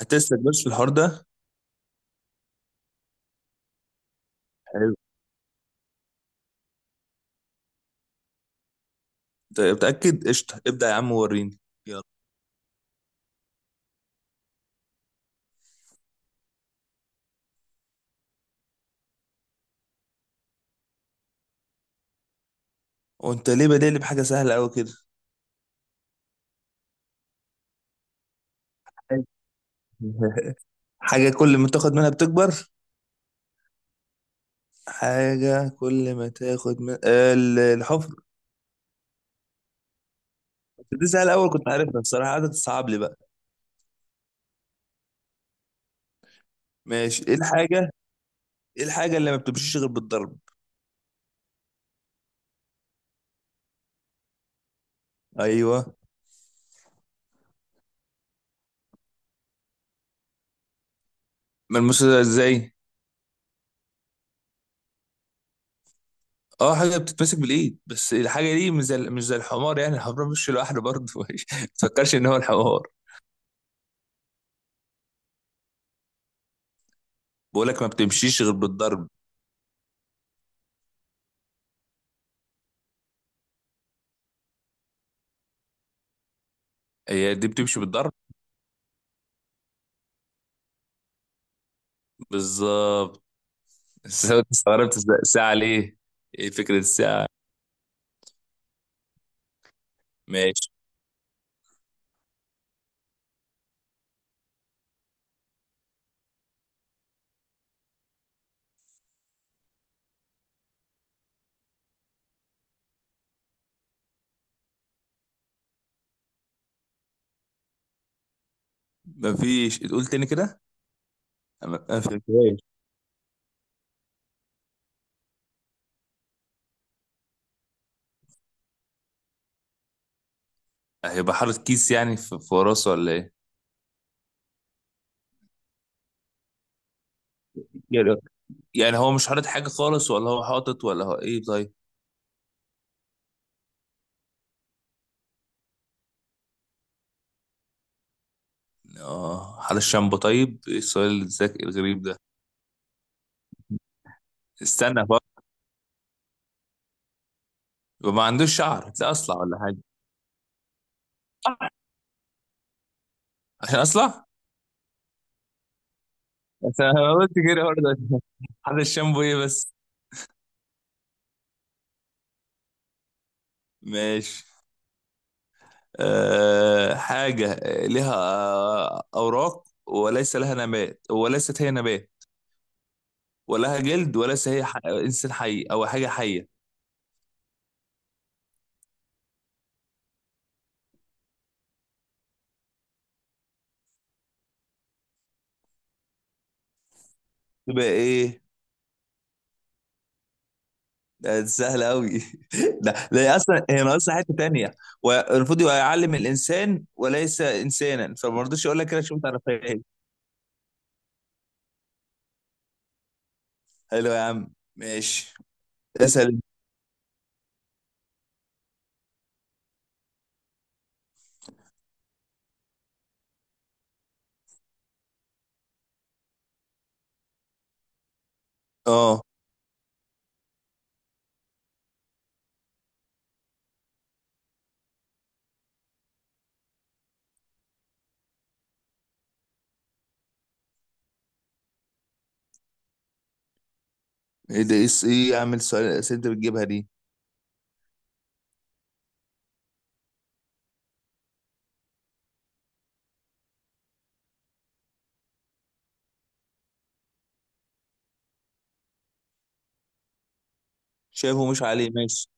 هتسلك بس في الحوار ده؟ حلو. أنت متأكد؟ قشطة، ابدأ يا عم وريني. يلا. وانت ليه بادئ بحاجة سهلة قوي كده؟ حاجة كل ما تاخد منها بتكبر. حاجة كل ما تاخد من الحفر. دي سهلة، الأول كنت عارفها الصراحة، قعدت تصعب لي بقى. ماشي. ايه الحاجة اللي ما بتمشيش غير بالضرب؟ أيوه. ملموسة ده ازاي؟ اه، حاجة بتتمسك بالإيد، بس الحاجة دي مش زي الحمار، يعني الحمار مش لوحده برضه. ما تفكرش إن هو الحمار. بقول لك ما بتمشيش غير بالضرب. هي دي بتمشي بالضرب. بالظبط. بس أنا استغربت الساعة ليه؟ ايه فكرة الساعة؟ ماشي. مفيش، تقول تاني كده؟ ما فهمتهاش. هيبقى حاطط كيس يعني في راسه ولا ايه؟ يعني يعني هو مش حاطط حاجة خالص، ولا هو حاطط، ولا هو ايه طيب؟ اه حاطط شامبو طيب؟ ايه السؤال الذكي الغريب ده؟ استنى بقى. يبقى ما عندوش شعر، لا اصلع ولا حاجة. عشان اصلع؟ عشان انا قلت كده برضه. حاطط شامبو ايه بس؟ ماشي. حاجة لها أوراق وليس لها نبات وليست هي نبات، ولا لها جلد، وليس هي إنسان حي أو حاجة حية. تبقى إيه؟ ده سهلة أوي. ده لا، هي أصلا هي ناقصة حتة تانية، والمفروض يبقى يعلم الإنسان وليس إنسانا، فما رضيتش أقول لك كده عشان ما تعرفهاش. حلو يا عم، ماشي. اسأل أنت. أه، إيه ده، إيه يا عم السؤال؟ الأسئلة أنت بتجيبها دي. شايفه مش عليه، ماشي.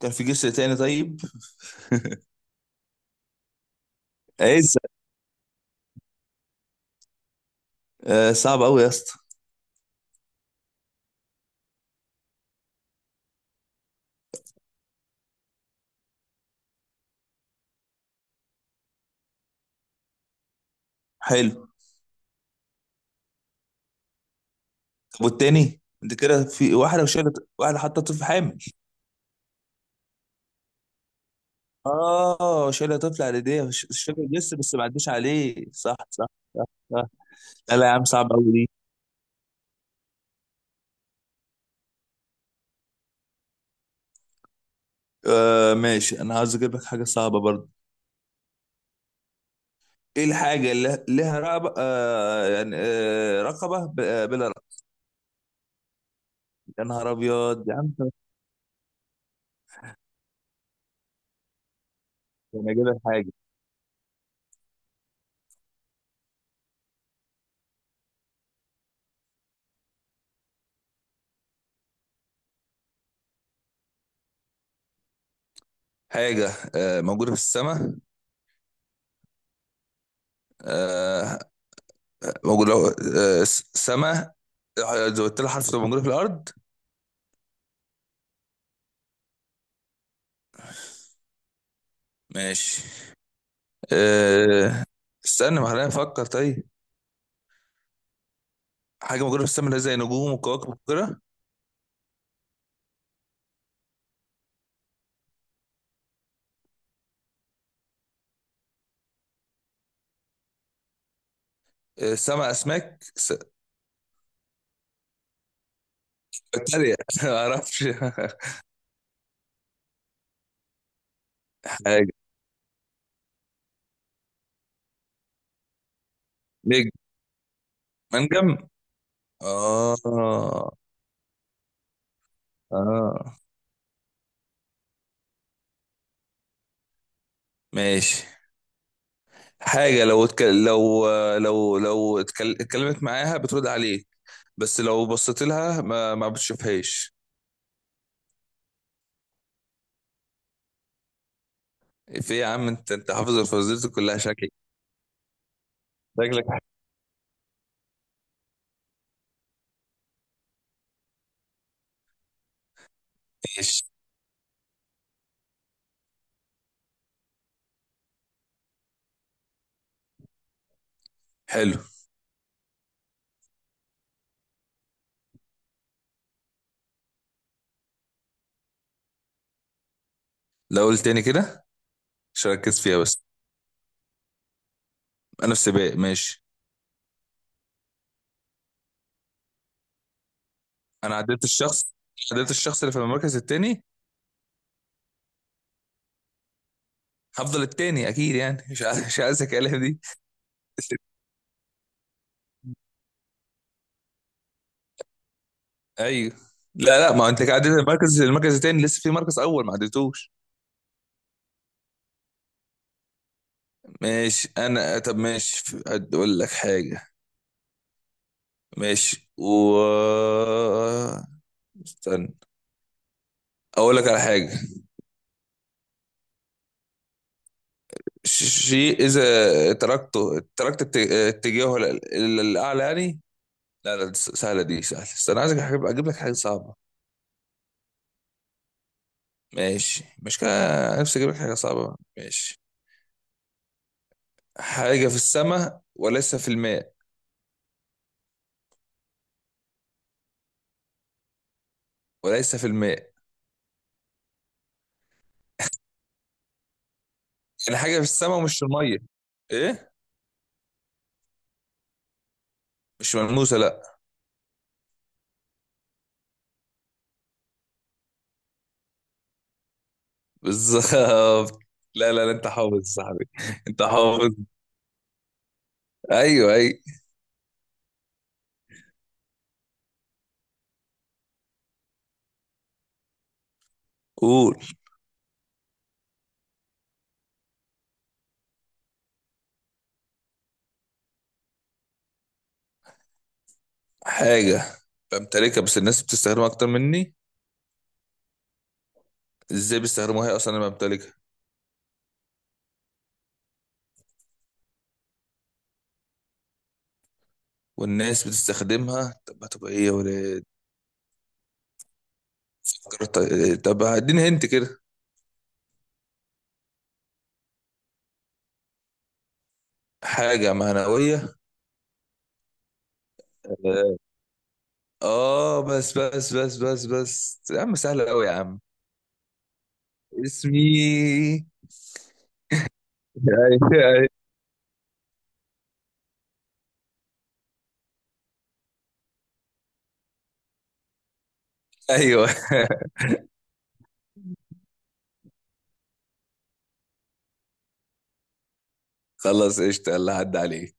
كان في جسر تاني طيب؟ اسأل. صعب أوي يا اسطى. حلو. طب والتاني انت كده، في واحده شايله، واحده حاطه طفل حامل؟ اه، شايله طفل على ايديها، شكله لسه، بس ما عدوش عليه، صح صح. صح صح. لا لا يا عم، صعب قوي دي. آه ماشي، انا عاوز اجيب لك حاجه صعبه برضه. ايه الحاجه اللي لها رقبه يعني رقبه بلا رقبه؟ يا نهار ابيض يا عم، طب. انا اجيب لك حاجه. حاجه موجوده في السماء. آه موجوده السماء، زودت لها حرف تبقى موجوده في الارض. ماشي. أه. استنى ما خلينا نفكر طيب. حاجه موجوده في السماء اللي هي زي نجوم وكواكب وكده. أه، سما اسماك بكتيريا. ما اعرفش. حاجه. نجم. منجم. اه اه، ماشي. حاجه لو لو اتكلمت معاها بترد عليك، بس لو بصيت لها ما بتشوفهاش. في إيه يا عم، انت حافظ الفوازير كلها شكلك. شكلك. ماشي. حلو. لو قلت تاني كده، عشان اركز فيها بس. انا في سباق، ماشي. انا عديت الشخص. عديت الشخص اللي في المركز التاني. هفضل التاني اكيد، يعني مش عايز اكلم دي. ايوه. لا لا، ما انت عديت المركز التاني، لسه في مركز اول ما عديتوش. ماشي انا، طب ماشي، اقول لك حاجه. ماشي استنى. اقول لك على حاجه. ش- شيء اذا تركته تركت اتجاهه للاعلى يعني. لا لا سهله دي، سهله، استنى، عايزك أجيب لك حاجه صعبه. ماشي، مش كده. نفسي اجيب لك حاجه صعبه بقى. ماشي. حاجه في السماء وليس في الماء. وليس في الماء. يعني حاجه في السماء ومش في الميه. ايه. مش ملموسه، لا. بالظبط. لا لا لا، انت حافظ يا صاحبي. انت حافظ. ايوه اي. قول. حاجه بمتلكها، بس الناس بتستخدمها اكتر مني. ازاي بيستخدموها هي اصلا انا بمتلكها؟ والناس بتستخدمها، طب هتبقى ايه ولا إيه؟ فكرت- طب اديني هنت كده. حاجه معنويه. اه، بس بس بس بس بس يا عم، سهلة قوي يا عم. اسمي. ايوه. ايوه. خلاص، قشطة، يلا عدى عليك.